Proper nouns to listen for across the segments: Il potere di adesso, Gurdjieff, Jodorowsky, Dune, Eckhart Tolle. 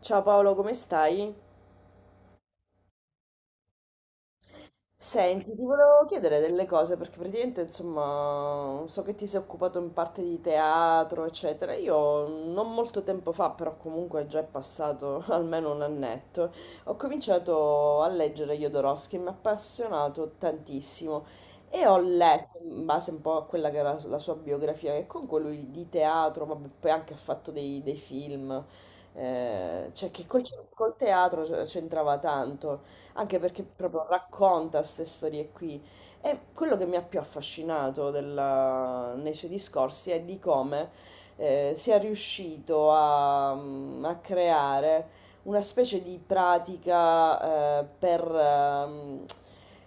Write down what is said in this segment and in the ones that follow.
Ciao Paolo, come stai? Senti, ti volevo chiedere delle cose perché praticamente, insomma, so che ti sei occupato in parte di teatro, eccetera. Io non molto tempo fa, però comunque già è passato almeno un annetto, ho cominciato a leggere Jodorowsky, mi ha appassionato tantissimo e ho letto, in base un po' a quella che era la sua biografia, che comunque lui di teatro, vabbè, poi anche ha fatto dei film, eh, cioè che col, col teatro c'entrava tanto. Anche perché proprio racconta queste storie qui. E quello che mi ha più affascinato nei suoi discorsi è di come sia riuscito a creare una specie di pratica per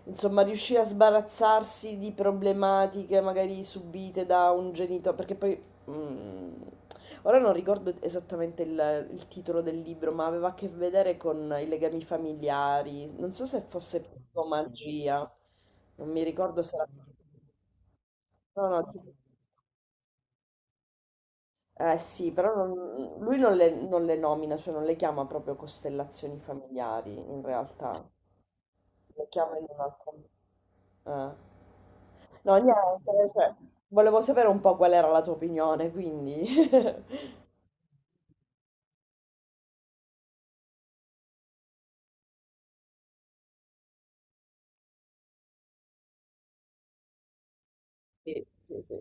insomma riuscire a sbarazzarsi di problematiche magari subite da un genitore, perché poi. Mm. Ora non ricordo esattamente il titolo del libro, ma aveva a che vedere con i legami familiari. Non so se fosse psicomagia, non mi ricordo se era... No, no, ti- eh sì, però lui non non le nomina, cioè non le chiama proprio costellazioni familiari, in realtà. Le chiama in un altro... eh. No, niente, cioè, volevo sapere un po' qual era la tua opinione, quindi... Sì, sì, sì.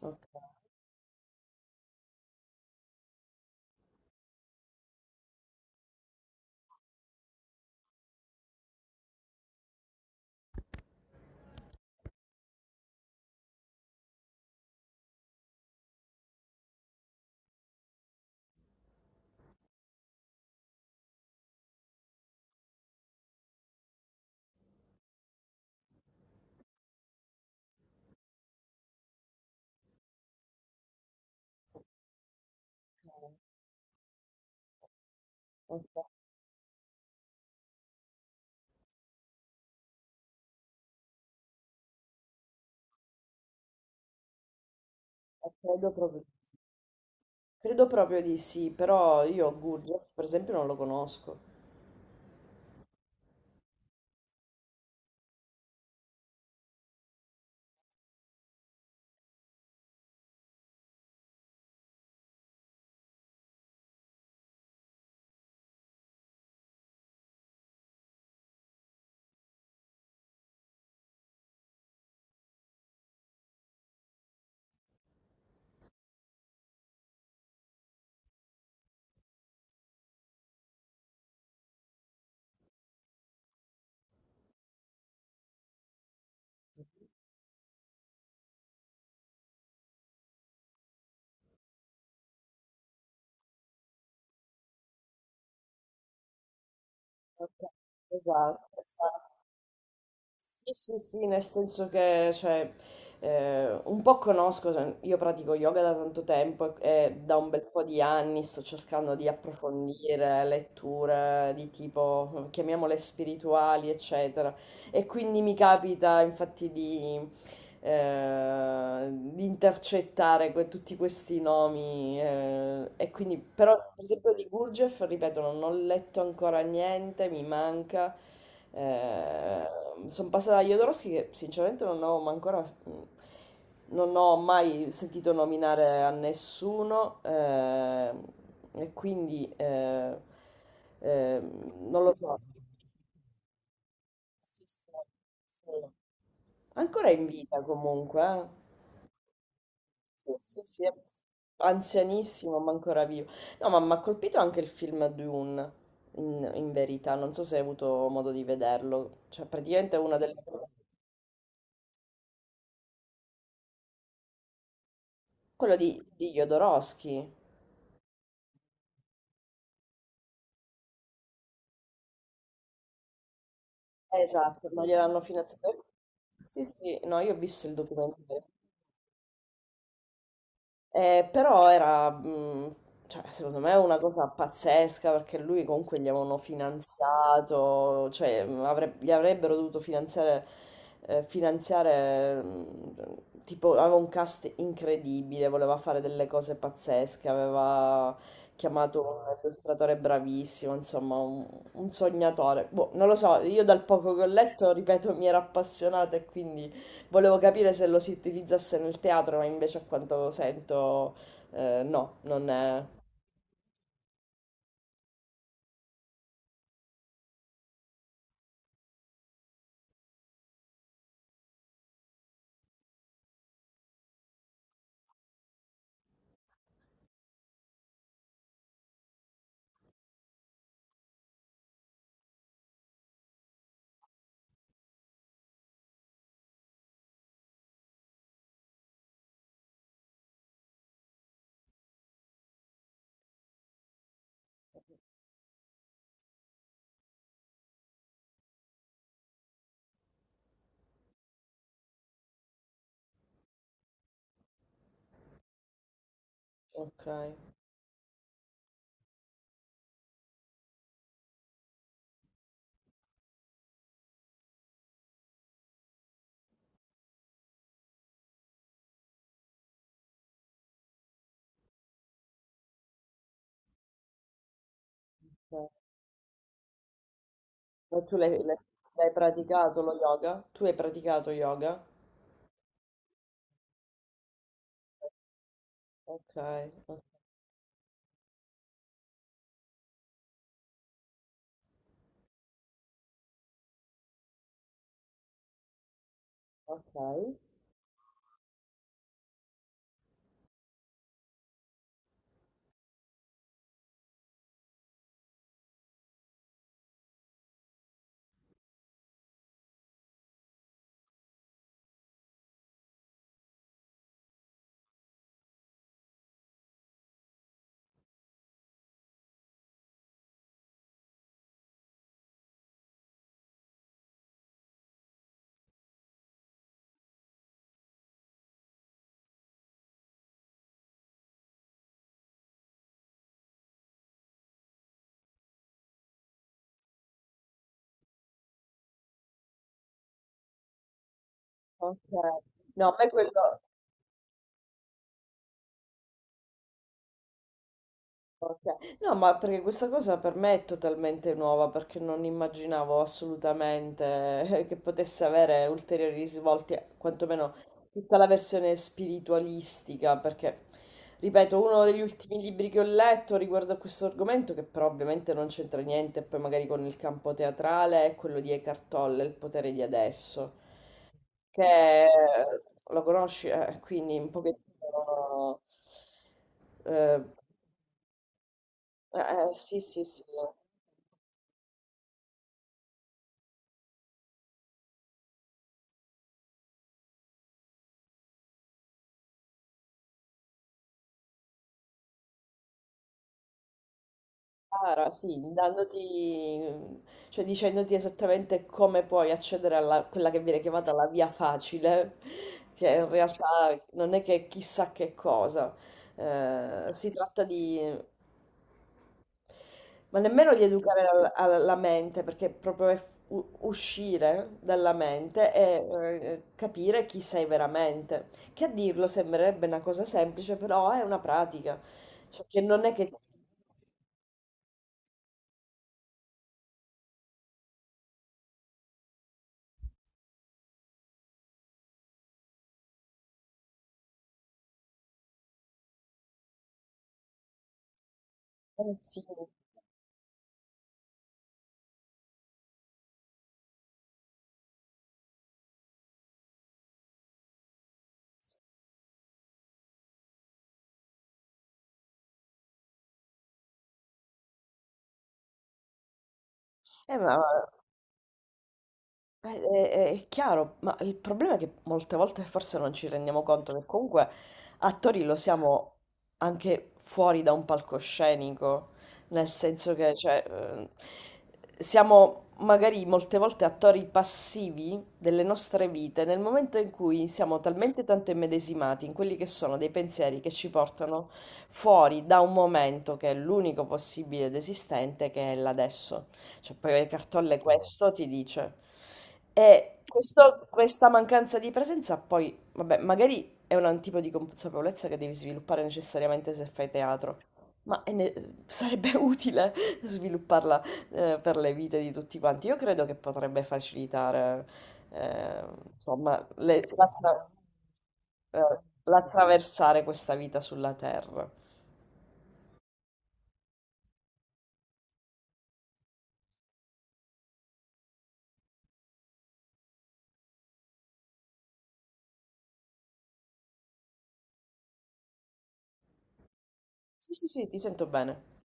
Ok, ok, credo proprio, credo proprio di sì, però io Gurdjieff per esempio non lo conosco. Ok, esatto, esatto. Sì, sì, sì, nel senso che cioè, un po' conosco, cioè, io pratico yoga da tanto tempo e da un bel po' di anni sto cercando di approfondire letture di tipo, chiamiamole spirituali, eccetera. E quindi mi capita infatti di intercettare tutti questi nomi. E quindi, però, per esempio, di Gurdjieff, ripeto, non ho letto ancora niente, mi manca. Sono passata da Jodorowsky che sinceramente non ho ma ancora... mm, non ho mai sentito nominare a nessuno e quindi non lo so. Sì, sì, sì. Ancora in vita comunque, eh. Sì, sì, sì, anzianissimo, ma ancora vivo. No, ma mi ha colpito anche il film Dune, in verità. Non so se hai avuto modo di vederlo. Cioè, praticamente è una delle... Quello di Jodorowsky. Esatto, ma gliel'hanno finanziato. Sì, sì, no, io ho visto il documentario. Però era, cioè, secondo me, una cosa pazzesca perché lui comunque gli avevano finanziato, cioè gli avrebbero dovuto finanziare, eh, finanziare, mh, tipo, aveva un cast incredibile, voleva fare delle cose pazzesche, aveva chiamato un illustratore bravissimo, insomma, un sognatore. Boh, non lo so, io dal poco che ho letto, ripeto, mi era appassionata e quindi... Volevo capire se lo si utilizzasse nel teatro, ma invece a quanto sento, no, non è... Ok. Ok. Ma tu l'hai praticato lo yoga? Tu hai praticato yoga? Ok, ok, ok. No, a me quello... Ok. No, ma perché questa cosa per me è totalmente nuova, perché non immaginavo assolutamente che potesse avere ulteriori risvolti, quantomeno tutta la versione spiritualistica, perché, ripeto, uno degli ultimi libri che ho letto riguardo a questo argomento, che però ovviamente non c'entra niente, poi magari con il campo teatrale, è quello di Eckhart Tolle, Il potere di adesso, che lo conosci, quindi un pochettino... eh, eh, sì, sì, sì, cara, sì, dandoti, cioè dicendoti esattamente come puoi accedere a quella che viene chiamata la via facile, che in realtà non è che chissà che cosa. Si tratta di, ma nemmeno di educare alla mente, perché proprio è uscire dalla mente e capire chi sei veramente. Che a dirlo sembrerebbe una cosa semplice, però è una pratica. Cioè che non è che ti... sì. Eh, ma eh, eh, è chiaro, ma il problema è che molte volte forse non ci rendiamo conto che comunque attori lo siamo anche fuori da un palcoscenico, nel senso che cioè, siamo magari molte volte attori passivi delle nostre vite nel momento in cui siamo talmente tanto immedesimati in quelli che sono dei pensieri che ci portano fuori da un momento che è l'unico possibile ed esistente, che è l'adesso. Cioè, poi le Cartolle questo ti dice. E questa mancanza di presenza poi, vabbè, magari è un tipo di consapevolezza che devi sviluppare necessariamente se fai teatro, ma sarebbe utile svilupparla per le vite di tutti quanti. Io credo che potrebbe facilitare, eh, insomma, eh, l'attraversare questa vita sulla Terra. Sì, sì, sì, ti sento bene.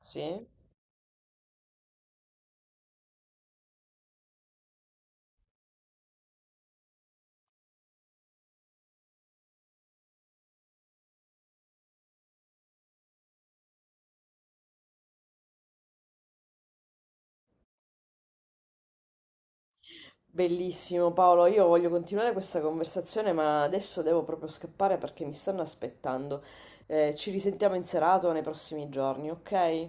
Sì? Bellissimo Paolo, io voglio continuare questa conversazione, ma adesso devo proprio scappare perché mi stanno aspettando. Ci risentiamo in serata o nei prossimi giorni, ok?